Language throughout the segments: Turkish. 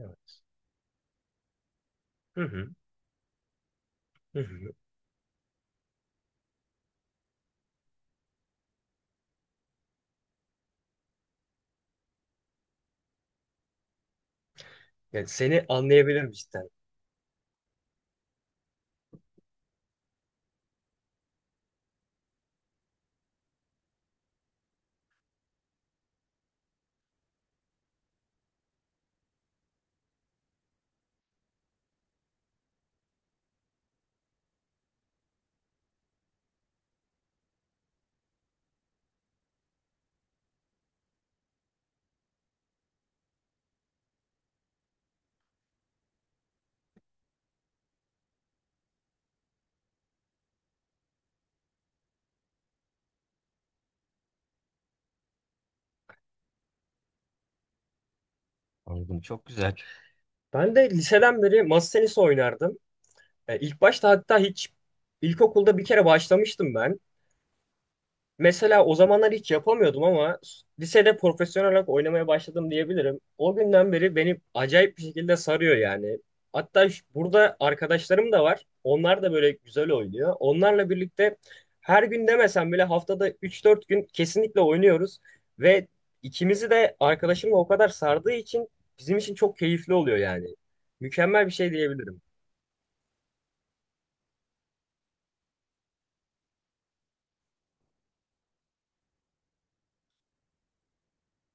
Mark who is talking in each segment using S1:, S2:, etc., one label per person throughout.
S1: Evet. Hı hı. Hı hı. Yani seni anlayabilirim cidden. Anladım. Çok güzel. Ben de liseden beri masa tenisi oynardım. İlk başta hatta hiç ilkokulda bir kere başlamıştım ben. Mesela o zamanlar hiç yapamıyordum ama lisede profesyonel olarak oynamaya başladım diyebilirim. O günden beri beni acayip bir şekilde sarıyor yani. Hatta burada arkadaşlarım da var. Onlar da böyle güzel oynuyor. Onlarla birlikte her gün demesem bile haftada üç dört gün kesinlikle oynuyoruz. Ve ikimizi de arkadaşımla o kadar sardığı için bizim için çok keyifli oluyor yani. Mükemmel bir şey diyebilirim.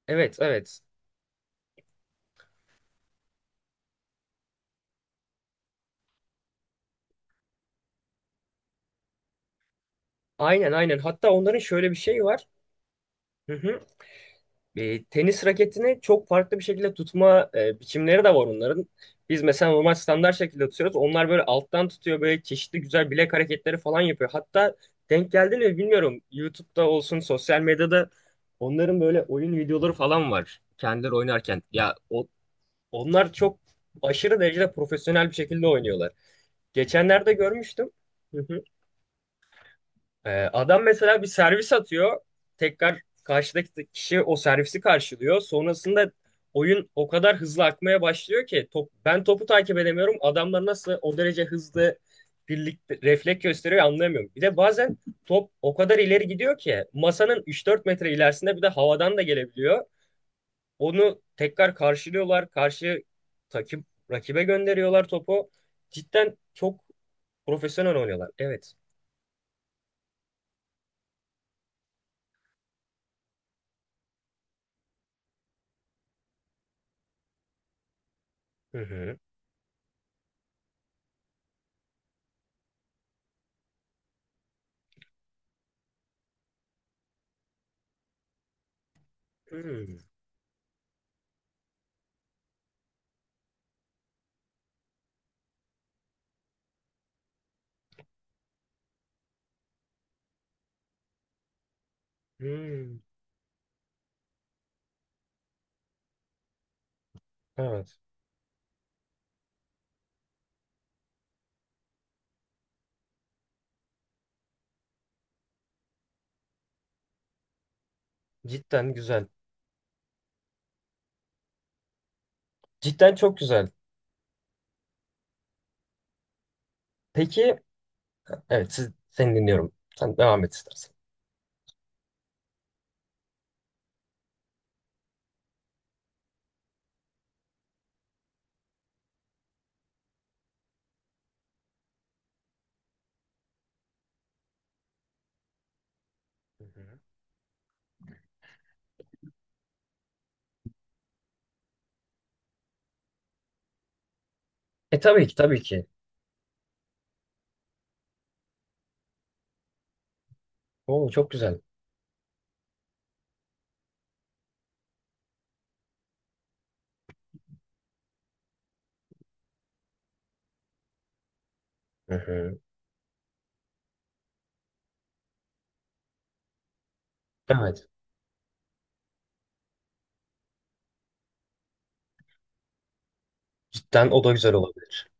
S1: Evet, evet. Aynen, aynen. Hatta onların şöyle bir şeyi var. Hı hı. E, tenis raketini çok farklı bir şekilde tutma biçimleri de var onların. Biz mesela normal standart şekilde tutuyoruz. Onlar böyle alttan tutuyor böyle çeşitli güzel bilek hareketleri falan yapıyor. Hatta denk geldi mi bilmiyorum. YouTube'da olsun sosyal medyada onların böyle oyun videoları falan var. Kendileri oynarken. Ya o, onlar çok aşırı derecede profesyonel bir şekilde oynuyorlar. Geçenlerde görmüştüm. Adam mesela bir servis atıyor. Tekrar karşıdaki kişi o servisi karşılıyor. Sonrasında oyun o kadar hızlı akmaya başlıyor ki top, ben topu takip edemiyorum. Adamlar nasıl o derece hızlı birlikte refleks gösteriyor anlayamıyorum. Bir de bazen top o kadar ileri gidiyor ki masanın 3-4 metre ilerisinde bir de havadan da gelebiliyor. Onu tekrar karşılıyorlar. Karşı takip rakibe gönderiyorlar topu. Cidden çok profesyonel oynuyorlar. Evet. Hı hı. Hmm. Hmm. Evet. Cidden güzel. Cidden çok güzel. Peki, evet siz, seni dinliyorum. Sen devam et istersen. Hı hı. E tabii ki tabii ki. Oo, çok güzel. Hı hı. Evet. Cidden o da güzel olabilir.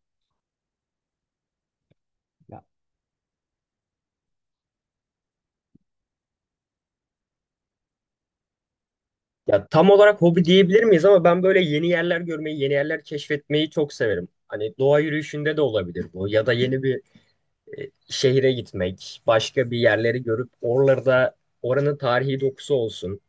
S1: Ya tam olarak hobi diyebilir miyiz ama ben böyle yeni yerler görmeyi, yeni yerler keşfetmeyi çok severim. Hani doğa yürüyüşünde de olabilir bu ya da yeni bir şehre gitmek, başka bir yerleri görüp oralarda oranın tarihi dokusu olsun.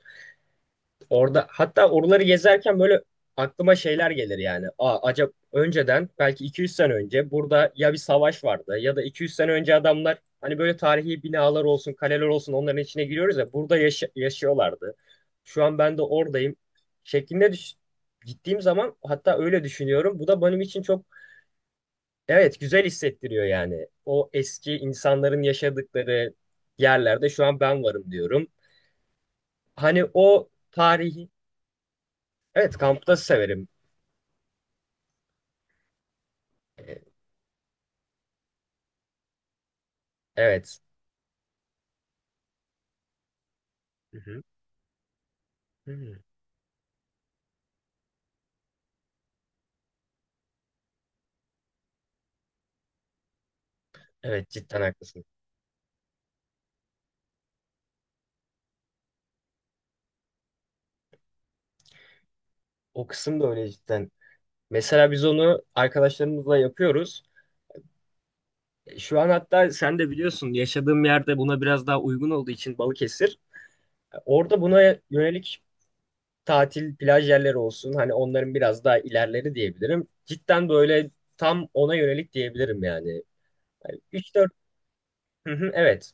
S1: Orada hatta oraları gezerken böyle aklıma şeyler gelir yani. Aa, acaba önceden belki 200 sene önce burada ya bir savaş vardı ya da 200 sene önce adamlar hani böyle tarihi binalar olsun, kaleler olsun onların içine giriyoruz ya burada yaşıyorlardı. Şu an ben de oradayım şeklinde düş gittiğim zaman hatta öyle düşünüyorum. Bu da benim için çok evet güzel hissettiriyor yani. O eski insanların yaşadıkları yerlerde şu an ben varım diyorum. Hani o tarihi Evet kampta severim. Evet. Hı hı. Hı. Evet cidden haklısın. O kısım da öyle cidden. Mesela biz onu arkadaşlarımızla yapıyoruz. Şu an hatta sen de biliyorsun yaşadığım yerde buna biraz daha uygun olduğu için Balıkesir. Orada buna yönelik tatil plaj yerleri olsun. Hani onların biraz daha ilerleri diyebilirim. Cidden böyle tam ona yönelik diyebilirim yani. Yani 3-4 Hı hı, evet.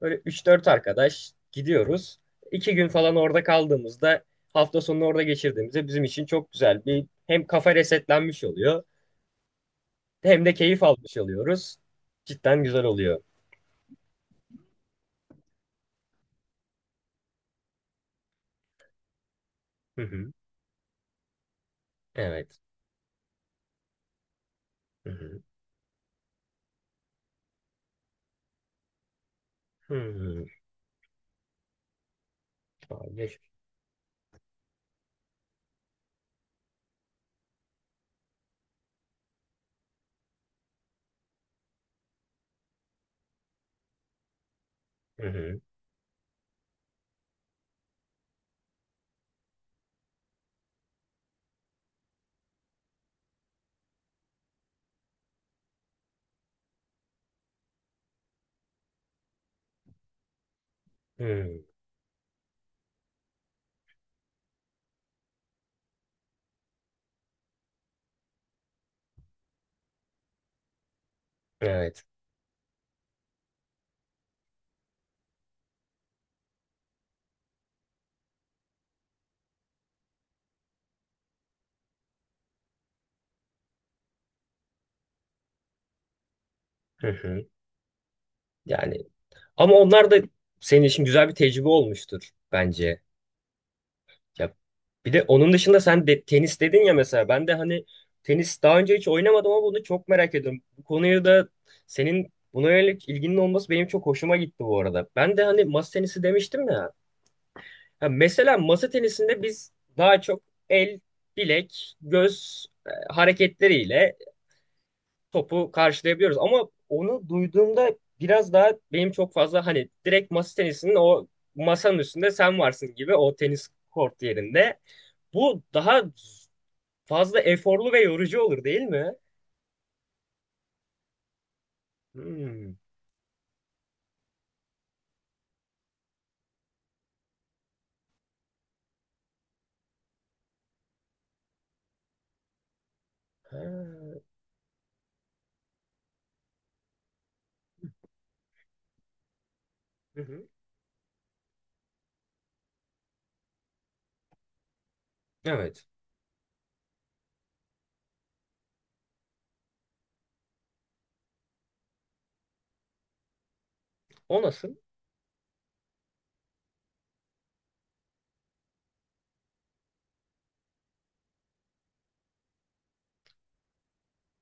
S1: Böyle üç dört arkadaş gidiyoruz. 2 gün falan orada kaldığımızda hafta sonunu orada geçirdiğimizde bizim için çok güzel bir hem kafa resetlenmiş oluyor hem de keyif almış oluyoruz. Cidden güzel oluyor. Hı hı. Evet. Hı hı. Hı hı. Abi Hı hı. Hı. Evet. Hı hı. Yani ama onlar da senin için güzel bir tecrübe olmuştur bence. Ya bir de onun dışında sen de tenis dedin ya mesela ben de hani tenis daha önce hiç oynamadım ama bunu çok merak ediyorum. Bu konuyu da senin buna yönelik ilginin olması benim çok hoşuma gitti bu arada. Ben de hani masa tenisi demiştim ya. Ha mesela masa tenisinde biz daha çok el, bilek, göz hareketleriyle topu karşılayabiliyoruz. Ama onu duyduğumda biraz daha benim çok fazla hani direkt masa tenisinin o masanın üstünde sen varsın gibi o tenis kort yerinde. Bu daha fazla eforlu ve yorucu olur değil mi? Hmm. Ha, Hı hı. Evet. O nasıl?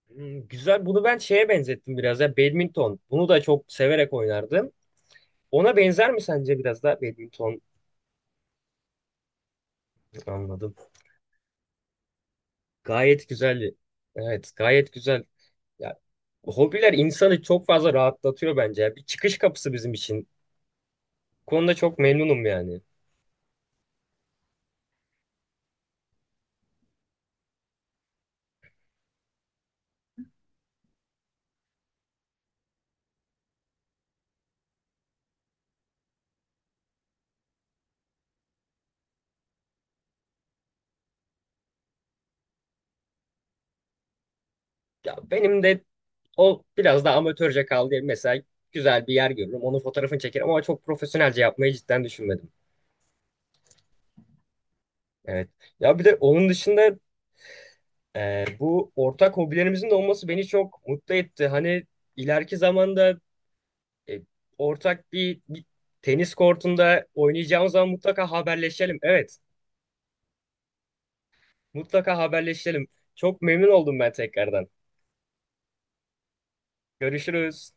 S1: Hmm, güzel. Bunu ben şeye benzettim biraz ya badminton. Bunu da çok severek oynardım. Ona benzer mi sence biraz daha badminton? Anladım. Gayet güzel. Evet, gayet güzel. Ya hobiler insanı çok fazla rahatlatıyor bence. Ya. Bir çıkış kapısı bizim için. Bu konuda çok memnunum yani. Ya benim de o biraz da amatörce kaldı. Mesela güzel bir yer görürüm. Onun fotoğrafını çekerim ama çok profesyonelce yapmayı cidden düşünmedim. Evet. Ya bir de onun dışında bu ortak hobilerimizin de olması beni çok mutlu etti. Hani ileriki zamanda e, ortak bir, bir tenis kortunda oynayacağımız zaman mutlaka haberleşelim. Evet. Mutlaka haberleşelim. Çok memnun oldum ben tekrardan. Görüşürüz.